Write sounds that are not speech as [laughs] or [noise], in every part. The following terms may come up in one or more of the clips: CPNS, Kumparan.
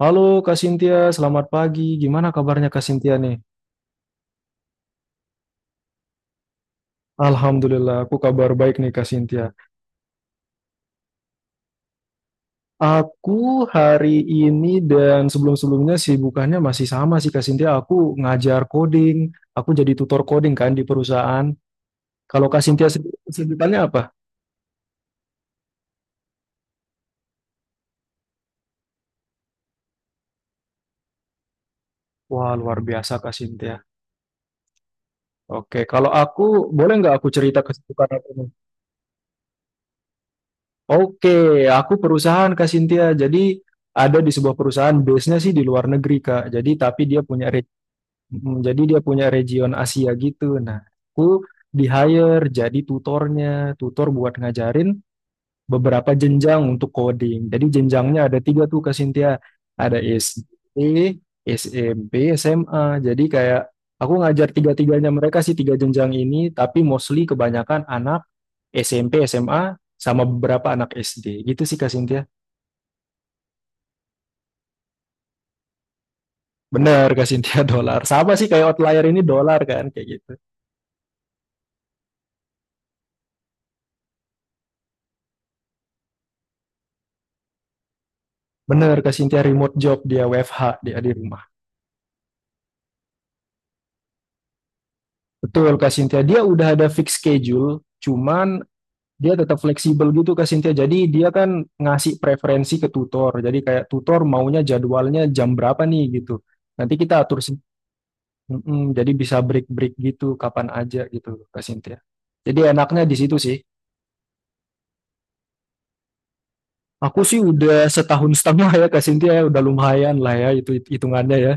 Halo Kak Sintia, selamat pagi. Gimana kabarnya Kak Sintia nih? Alhamdulillah, aku kabar baik nih Kak Sintia. Aku hari ini dan sebelum-sebelumnya sibukannya masih sama sih Kak Sintia. Aku ngajar coding, aku jadi tutor coding kan di perusahaan. Kalau Kak Sintia sendiri kesibukannya apa? Wah, luar biasa Kak Sintia. Oke, kalau aku, boleh nggak aku cerita kesibukan aku nih? Oke, aku perusahaan Kak Sintia. Jadi ada di sebuah perusahaan, base-nya sih di luar negeri Kak. Jadi tapi dia punya jadi dia punya region Asia gitu. Nah, aku di hire jadi tutornya, tutor buat ngajarin beberapa jenjang untuk coding. Jadi jenjangnya ada tiga tuh Kak Cynthia. Ada SD, SMP, SMA. Jadi kayak aku ngajar tiga-tiganya mereka sih tiga jenjang ini, tapi mostly kebanyakan anak SMP, SMA, sama beberapa anak SD. Gitu sih Kak Cynthia. Bener Kak Cynthia, [laughs] dolar. Sama sih kayak outlier ini dolar kan kayak gitu. Bener, Kak Cynthia, remote job, dia WFH, dia di rumah. Betul, Kak Cynthia. Dia udah ada fix schedule, cuman dia tetap fleksibel gitu, Kak Cynthia. Jadi dia kan ngasih preferensi ke tutor. Jadi kayak tutor maunya jadwalnya jam berapa nih gitu. Nanti kita atur, mm-mm, jadi bisa break-break gitu, kapan aja gitu, Kak Cynthia. Jadi enaknya di situ sih. Aku sih udah setahun setengah ya, Kak Cynthia, ya. Udah lumayan lah ya, itu hitungannya ya.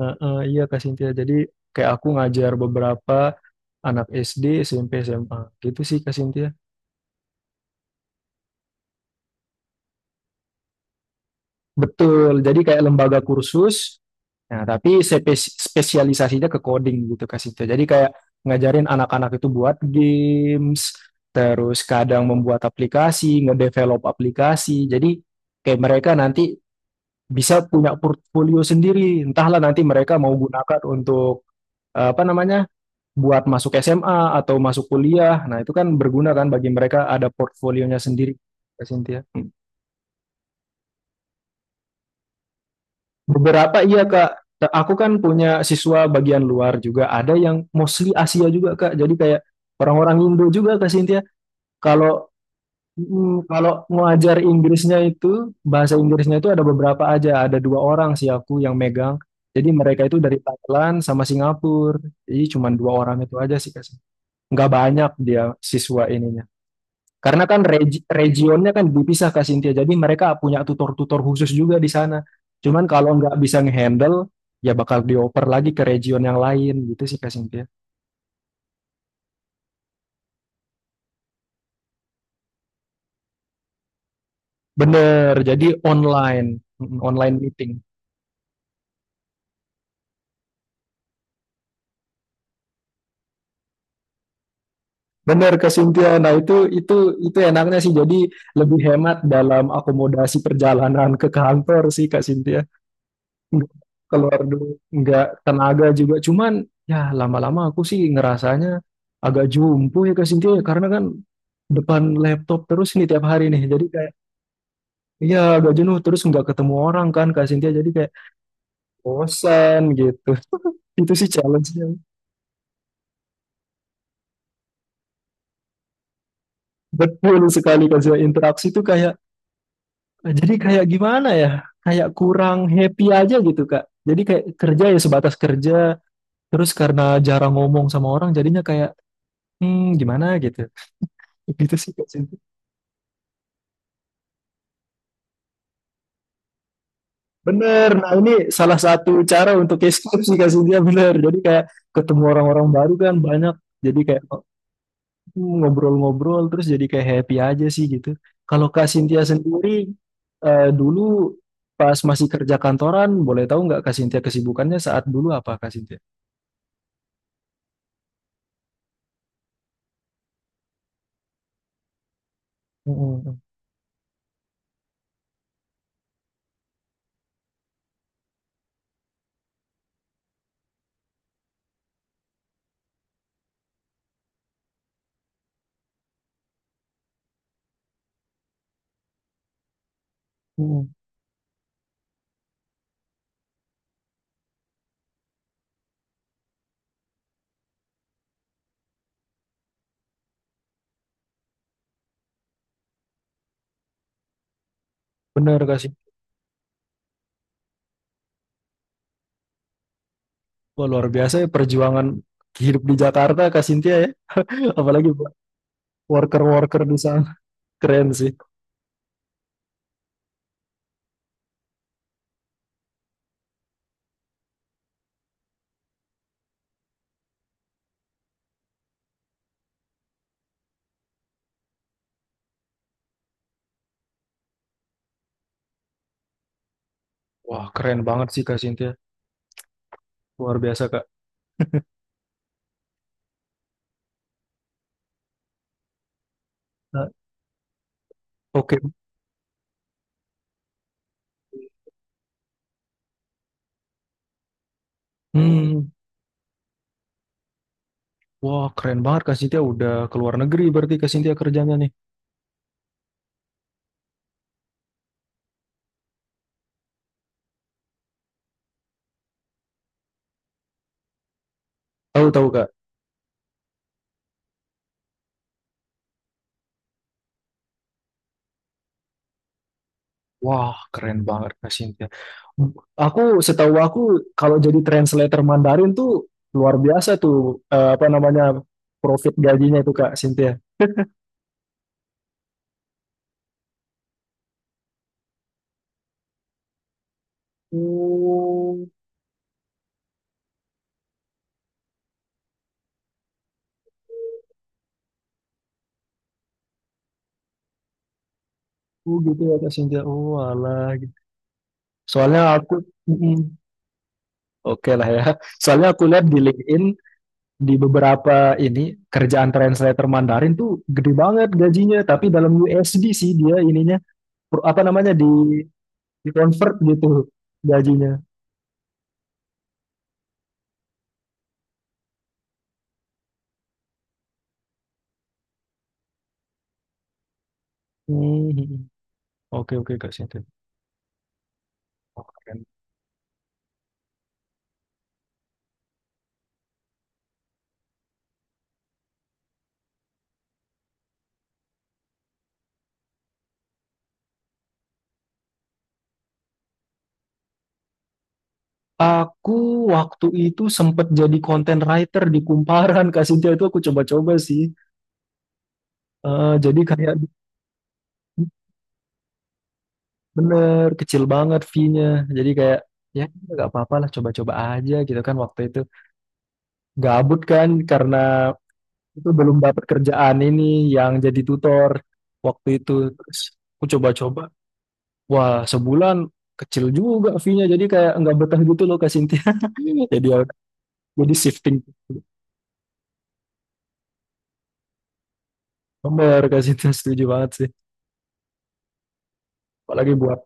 Heeh, iya Kak Sintia. Jadi kayak aku ngajar beberapa anak SD, SMP, SMA. Gitu sih Kak Sintia. Betul. Jadi kayak lembaga kursus. Nah, tapi spesialisasinya ke coding gitu Kak Sintia. Jadi kayak ngajarin anak-anak itu buat games, terus kadang membuat aplikasi, ngedevelop aplikasi. Jadi kayak mereka nanti bisa punya portfolio sendiri. Entahlah nanti mereka mau gunakan untuk apa namanya, buat masuk SMA atau masuk kuliah. Nah, itu kan berguna kan bagi mereka ada portfolionya sendiri, Kak Cynthia. Beberapa iya, Kak. Aku kan punya siswa bagian luar juga. Ada yang mostly Asia juga, Kak. Jadi kayak orang-orang Indo juga, Kak Cynthia. Kalau kalau ngajar Inggrisnya itu, bahasa Inggrisnya itu ada beberapa aja. Ada dua orang sih aku yang megang. Jadi mereka itu dari Thailand sama Singapura. Jadi cuma dua orang itu aja sih, Kak. Nggak banyak dia siswa ininya. Karena kan regionnya kan dipisah Kak Sintia. Jadi mereka punya tutor-tutor khusus juga di sana. Cuman kalau nggak bisa ngehandle, ya bakal dioper lagi ke region yang lain gitu sih Kak Sintia. Bener, jadi online, online meeting. Bener Kak Sintia. Nah itu enaknya sih. Jadi lebih hemat dalam akomodasi perjalanan ke kantor sih Kak Sintia. Nggak keluar duit, nggak tenaga juga. Cuman ya lama-lama aku sih ngerasanya agak jumpo ya ke Cynthia ya, karena kan depan laptop terus nih tiap hari nih. Jadi kayak iya agak jenuh terus nggak ketemu orang kan Kak Cynthia jadi kayak bosan gitu. [laughs] Itu sih challenge-nya. Betul sekali Kak Zia. Interaksi itu kayak jadi kayak gimana ya? Kayak kurang happy aja gitu Kak. Jadi kayak kerja ya sebatas kerja, terus karena jarang ngomong sama orang jadinya kayak gimana gitu. Gitu sih Kak Cynthia. Bener, nah ini salah satu cara untuk escape sih Kak Cynthia, bener. Jadi kayak ketemu orang-orang baru kan banyak, jadi kayak ngobrol-ngobrol terus jadi kayak happy aja sih gitu. Kalau Kak Cynthia sendiri dulu pas masih kerja kantoran, boleh tahu nggak Kak Cynthia kesibukannya saat dulu apa Kak Cynthia? Mm-mm, mm-mm. Bener Kak Cynthia. Wah, luar biasa ya perjuangan hidup di Jakarta Kak Cynthia ya, [laughs] apalagi buat worker-worker di sana. Keren sih. Wah, keren banget sih Kak Cynthia. Luar biasa, Kak. Nah, oke. Hmm. Wah, keren banget Kak Sintia, udah keluar negeri berarti Kak Sintia kerjanya nih. Tahu-tahu Kak. Wah, keren banget Kak Sintia. Hmm. Aku setahu aku kalau jadi translator Mandarin tuh luar biasa tuh, apa namanya, profit gajinya itu Kak Sintia. Oh, oh gitu ya Kak Sintia. Oh, alah gitu. Soalnya aku mm, mm. Oke lah ya. Soalnya aku lihat di LinkedIn di beberapa ini kerjaan translator Mandarin tuh gede banget gajinya, tapi dalam USD sih dia ininya apa namanya, di convert gitu gajinya. Hmm. Oke oke Kak Sinta. Oh, keren. Aku waktu itu sempat jadi content writer di Kumparan Kak Sinta, itu aku coba-coba sih. Jadi kayak bener kecil banget fee-nya. Jadi kayak ya nggak apa-apa lah coba-coba aja gitu kan waktu itu gabut kan karena itu belum dapat kerjaan ini yang jadi tutor waktu itu, terus aku coba-coba, wah sebulan kecil juga fee-nya jadi kayak nggak betah gitu loh Kak Sintia. [laughs] Jadi ya jadi shifting nomor Kak Sintia, setuju banget sih apalagi buat.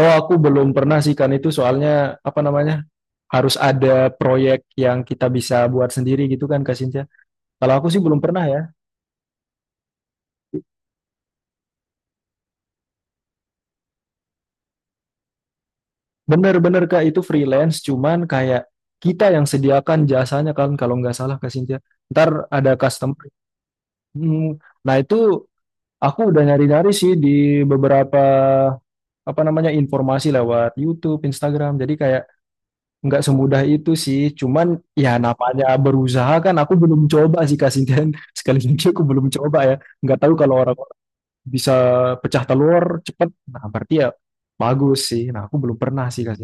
Oh aku belum pernah sih kan itu soalnya apa namanya harus ada proyek yang kita bisa buat sendiri gitu kan Kak Sintia, kalau aku sih belum pernah ya. Bener-bener Kak, itu freelance cuman kayak kita yang sediakan jasanya kan kalau nggak salah Kak Cynthia. Ntar ada customer. Hmm, nah itu aku udah nyari-nyari sih di beberapa apa namanya informasi lewat YouTube, Instagram. Jadi kayak nggak semudah itu sih. Cuman ya namanya berusaha kan aku belum coba sih Kak Cynthia. [laughs] Sekali lagi aku belum coba ya. Nggak tahu kalau orang-orang bisa pecah telur cepet. Nah berarti ya bagus sih. Nah aku belum pernah sih Kak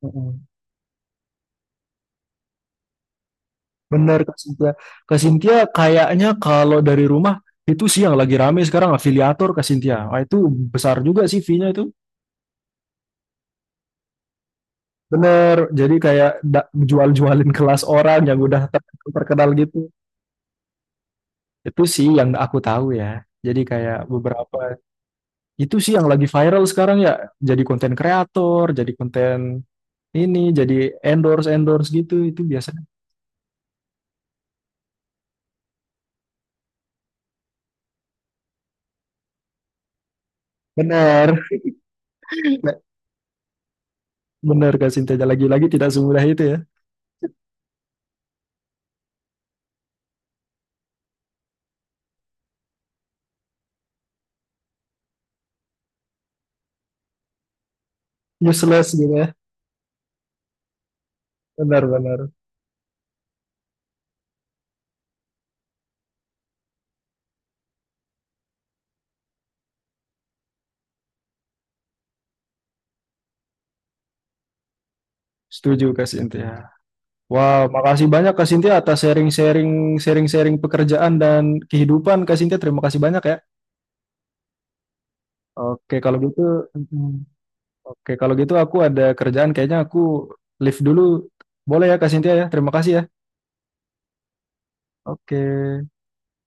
Cynthia. Bener Kak Sintia. Kak Sintia kayaknya kalau dari rumah itu sih yang lagi rame sekarang afiliator Kak Sintia. Wah, itu besar juga sih fee-nya itu. Bener. Jadi kayak jual-jualin [laughs] kelas orang yang udah terkenal gitu. Itu sih yang aku tahu ya. Jadi kayak beberapa itu sih yang lagi viral sekarang ya. Jadi konten kreator, jadi konten ini, jadi endorse endorse gitu itu biasanya. Bener. Bener Kak Sintia. Lagi-lagi tidak semudah itu ya. Useless gitu ya. Benar-benar. Setuju Kak Sintia. Wah, makasih banyak Kak Sintia atas sharing-sharing pekerjaan dan kehidupan Kak Sintia. Terima kasih banyak ya. Oke, kalau gitu mm, oke, kalau gitu aku ada kerjaan kayaknya aku live dulu. Boleh ya Kak Sintia ya? Terima kasih ya. Oke.